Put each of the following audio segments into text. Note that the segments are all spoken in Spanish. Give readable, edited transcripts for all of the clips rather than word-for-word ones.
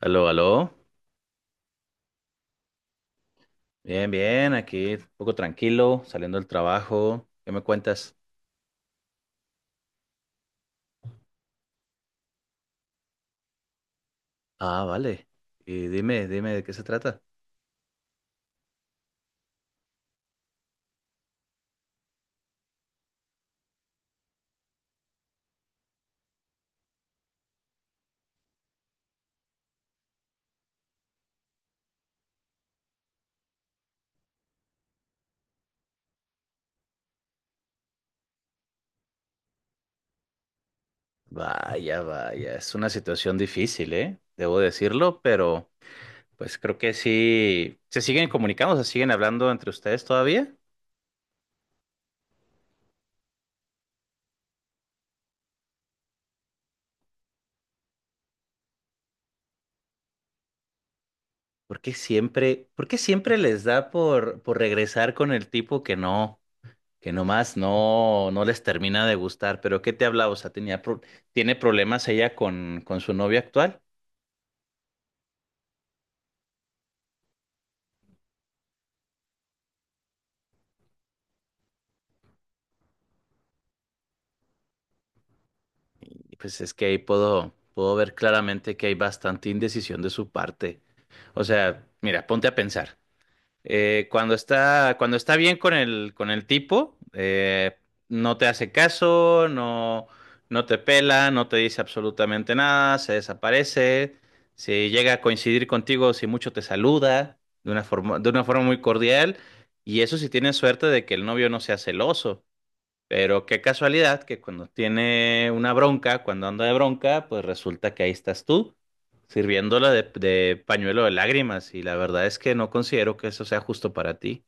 Aló, aló. Bien, bien, aquí un poco tranquilo, saliendo del trabajo. ¿Qué me cuentas? Ah, vale. Y dime de qué se trata. Vaya, vaya, es una situación difícil, ¿eh? Debo decirlo, pero pues creo que sí. ¿Se siguen comunicando? ¿Se siguen hablando entre ustedes todavía? Por qué siempre les da por regresar con el tipo que no, que nomás no, no les termina de gustar? ¿Pero qué te hablaba? O sea, ¿tiene problemas ella con su novia actual? Y pues es que ahí puedo ver claramente que hay bastante indecisión de su parte. O sea, mira, ponte a pensar. Cuando está, cuando está bien con el tipo, no te hace caso, no, no te pela, no te dice absolutamente nada, se desaparece. Si llega a coincidir contigo, si mucho te saluda de una forma muy cordial. Y eso si tienes suerte de que el novio no sea celoso. Pero qué casualidad que cuando tiene una bronca, cuando anda de bronca, pues resulta que ahí estás tú, sirviéndola de pañuelo de lágrimas. Y la verdad es que no considero que eso sea justo para ti.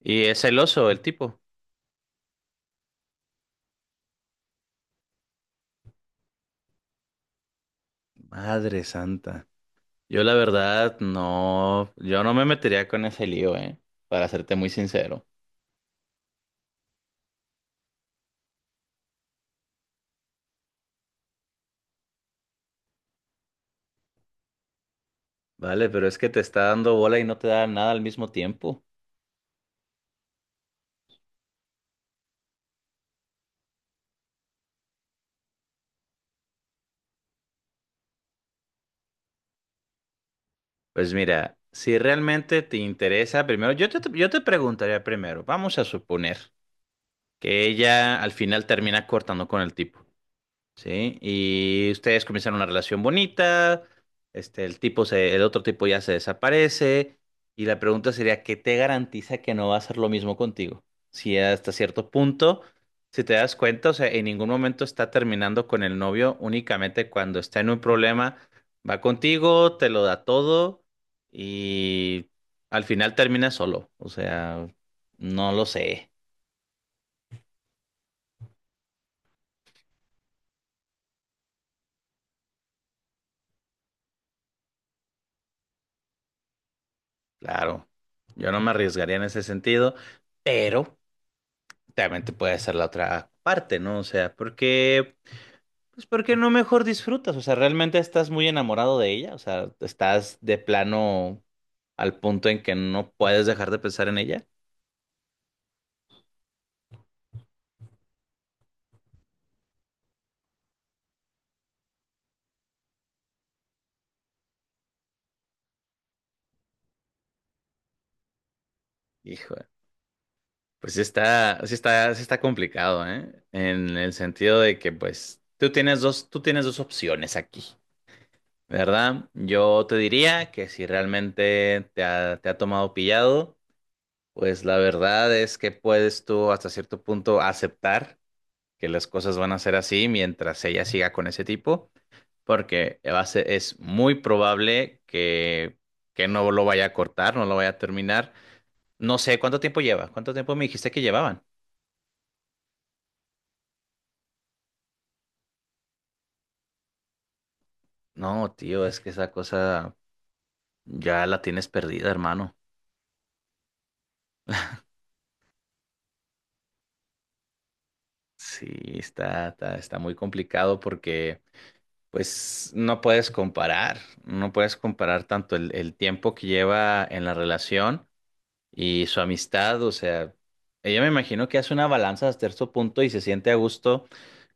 Y es celoso el tipo. Madre santa. Yo la verdad no, yo no me metería con ese lío, ¿eh? Para serte muy sincero. Vale, pero es que te está dando bola y no te da nada al mismo tiempo. Pues mira, si realmente te interesa, primero, yo te preguntaría primero, vamos a suponer que ella al final termina cortando con el tipo, ¿sí? Y ustedes comienzan una relación bonita, este, el otro tipo ya se desaparece, y la pregunta sería, ¿qué te garantiza que no va a hacer lo mismo contigo? Si hasta cierto punto, si te das cuenta, o sea, en ningún momento está terminando con el novio, únicamente cuando está en un problema, va contigo, te lo da todo, y al final termina solo, o sea, no lo sé. Claro, yo no me arriesgaría en ese sentido, pero también te puede ser la otra parte, ¿no? O sea, porque, pues, ¿porque no mejor disfrutas? O sea, ¿realmente estás muy enamorado de ella? O sea, ¿estás de plano al punto en que no puedes dejar de pensar en ella? Hijo, pues sí está complicado, ¿eh? En el sentido de que, pues, tú tienes dos opciones aquí, ¿verdad? Yo te diría que si realmente te ha tomado pillado. Pues la verdad es que puedes tú hasta cierto punto aceptar que las cosas van a ser así mientras ella siga con ese tipo, porque es muy probable que no lo vaya a cortar, no lo vaya a terminar. No sé cuánto tiempo lleva, cuánto tiempo me dijiste que llevaban. No, tío, es que esa cosa ya la tienes perdida, hermano. Sí, está muy complicado porque pues no puedes comparar, no puedes comparar tanto el tiempo que lleva en la relación y su amistad, o sea, ella me imagino que hace una balanza hasta cierto punto y se siente a gusto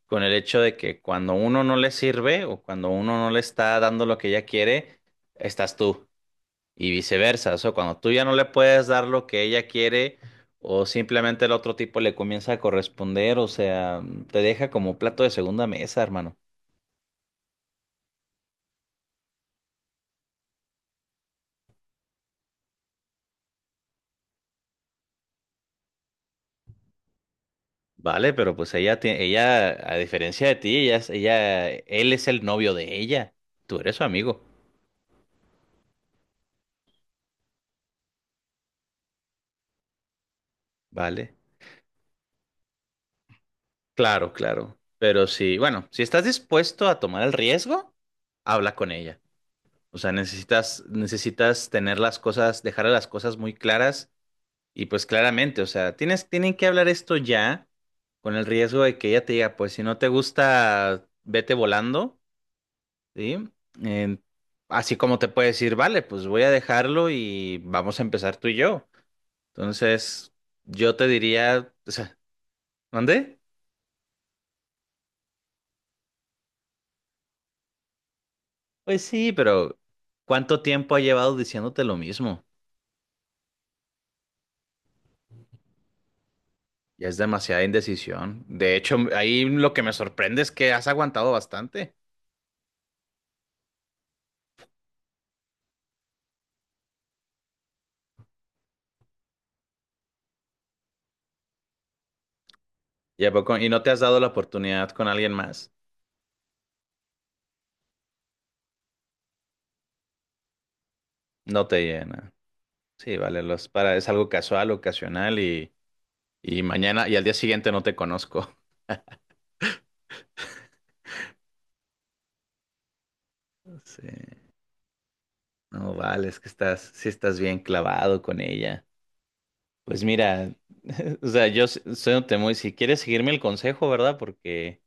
con el hecho de que cuando uno no le sirve o cuando uno no le está dando lo que ella quiere, estás tú. Y viceversa, o sea, cuando tú ya no le puedes dar lo que ella quiere o simplemente el otro tipo le comienza a corresponder, o sea, te deja como plato de segunda mesa, hermano. Vale, pero pues ella, tie- ella, a diferencia de ti, ella, es- ella, él es el novio de ella, tú eres su amigo, ¿vale? Claro, claro. Pero sí, bueno, si estás dispuesto a tomar el riesgo, habla con ella. O sea, necesitas tener las cosas, dejar las cosas muy claras y pues claramente, o sea, tienen que hablar esto ya con el riesgo de que ella te diga, pues si no te gusta, vete volando, ¿sí? Eh, Así como te puede decir, vale, pues voy a dejarlo y vamos a empezar tú y yo. Entonces, yo te diría, o sea, ¿dónde? Pues sí, pero ¿cuánto tiempo ha llevado diciéndote lo mismo? Ya es demasiada indecisión. De hecho, ahí lo que me sorprende es que has aguantado bastante. Y no te has dado la oportunidad con alguien más? No te llena. Sí, vale, los para, es algo casual, ocasional y mañana y al día siguiente no te conozco. Sí. No, vale, es que estás, sí estás bien clavado con ella. Pues mira, o sea, soy un temo y si quieres seguirme el consejo, ¿verdad? Porque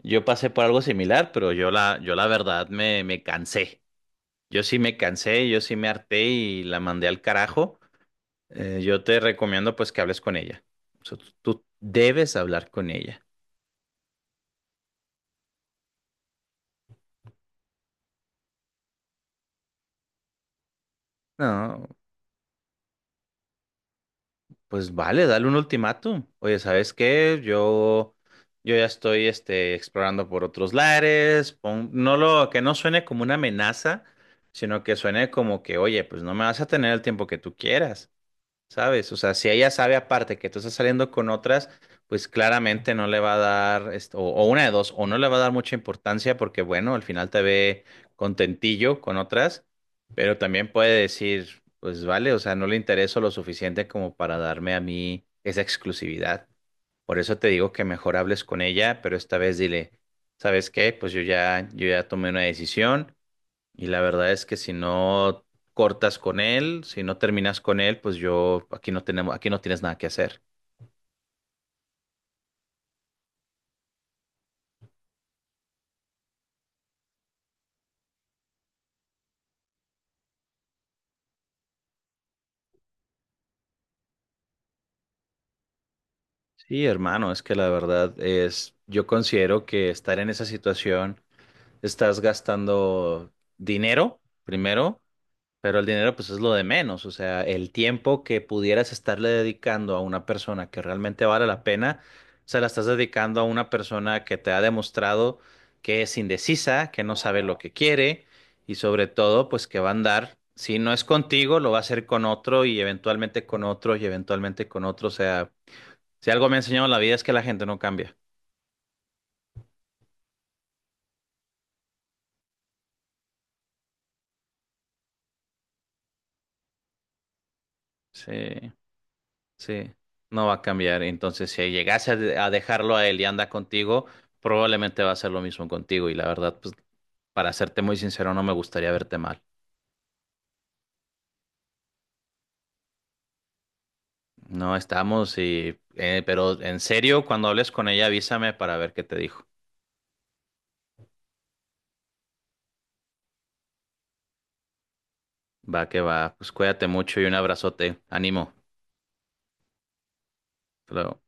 yo pasé por algo similar, pero yo la verdad me cansé. Yo sí me cansé, yo sí me harté y la mandé al carajo. Yo te recomiendo pues que hables con ella. O sea, tú debes hablar con ella. No, pues vale, dale un ultimátum. Oye, ¿sabes qué? Yo ya estoy este, explorando por otros lares. Que no suene como una amenaza, sino que suene como que, oye, pues no me vas a tener el tiempo que tú quieras. ¿Sabes? O sea, si ella sabe aparte que tú estás saliendo con otras, pues claramente no le va a dar, esto, o una de dos, o no le va a dar mucha importancia porque, bueno, al final te ve contentillo con otras, pero también puede decir, pues vale, o sea, no le intereso lo suficiente como para darme a mí esa exclusividad. Por eso te digo que mejor hables con ella, pero esta vez dile, ¿sabes qué? Pues yo ya tomé una decisión, y la verdad es que si no cortas con él, si no terminas con él, pues yo aquí no tenemos, aquí no tienes nada que hacer. Sí, hermano, es que la verdad es, yo considero que estar en esa situación, estás gastando dinero primero. Pero el dinero pues es lo de menos, o sea, el tiempo que pudieras estarle dedicando a una persona que realmente vale la pena, se la estás dedicando a una persona que te ha demostrado que es indecisa, que no sabe lo que quiere y sobre todo pues que va a andar, si no es contigo, lo va a hacer con otro y eventualmente con otro y eventualmente con otro, o sea, si algo me ha enseñado la vida es que la gente no cambia. Sí. Sí, no va a cambiar. Entonces, si llegase a a dejarlo a él y anda contigo, probablemente va a hacer lo mismo contigo. Y la verdad, pues, para serte muy sincero, no me gustaría verte mal. No estamos y, pero en serio, cuando hables con ella, avísame para ver qué te dijo. Va que va, pues cuídate mucho y un abrazote. Ánimo. Hasta luego.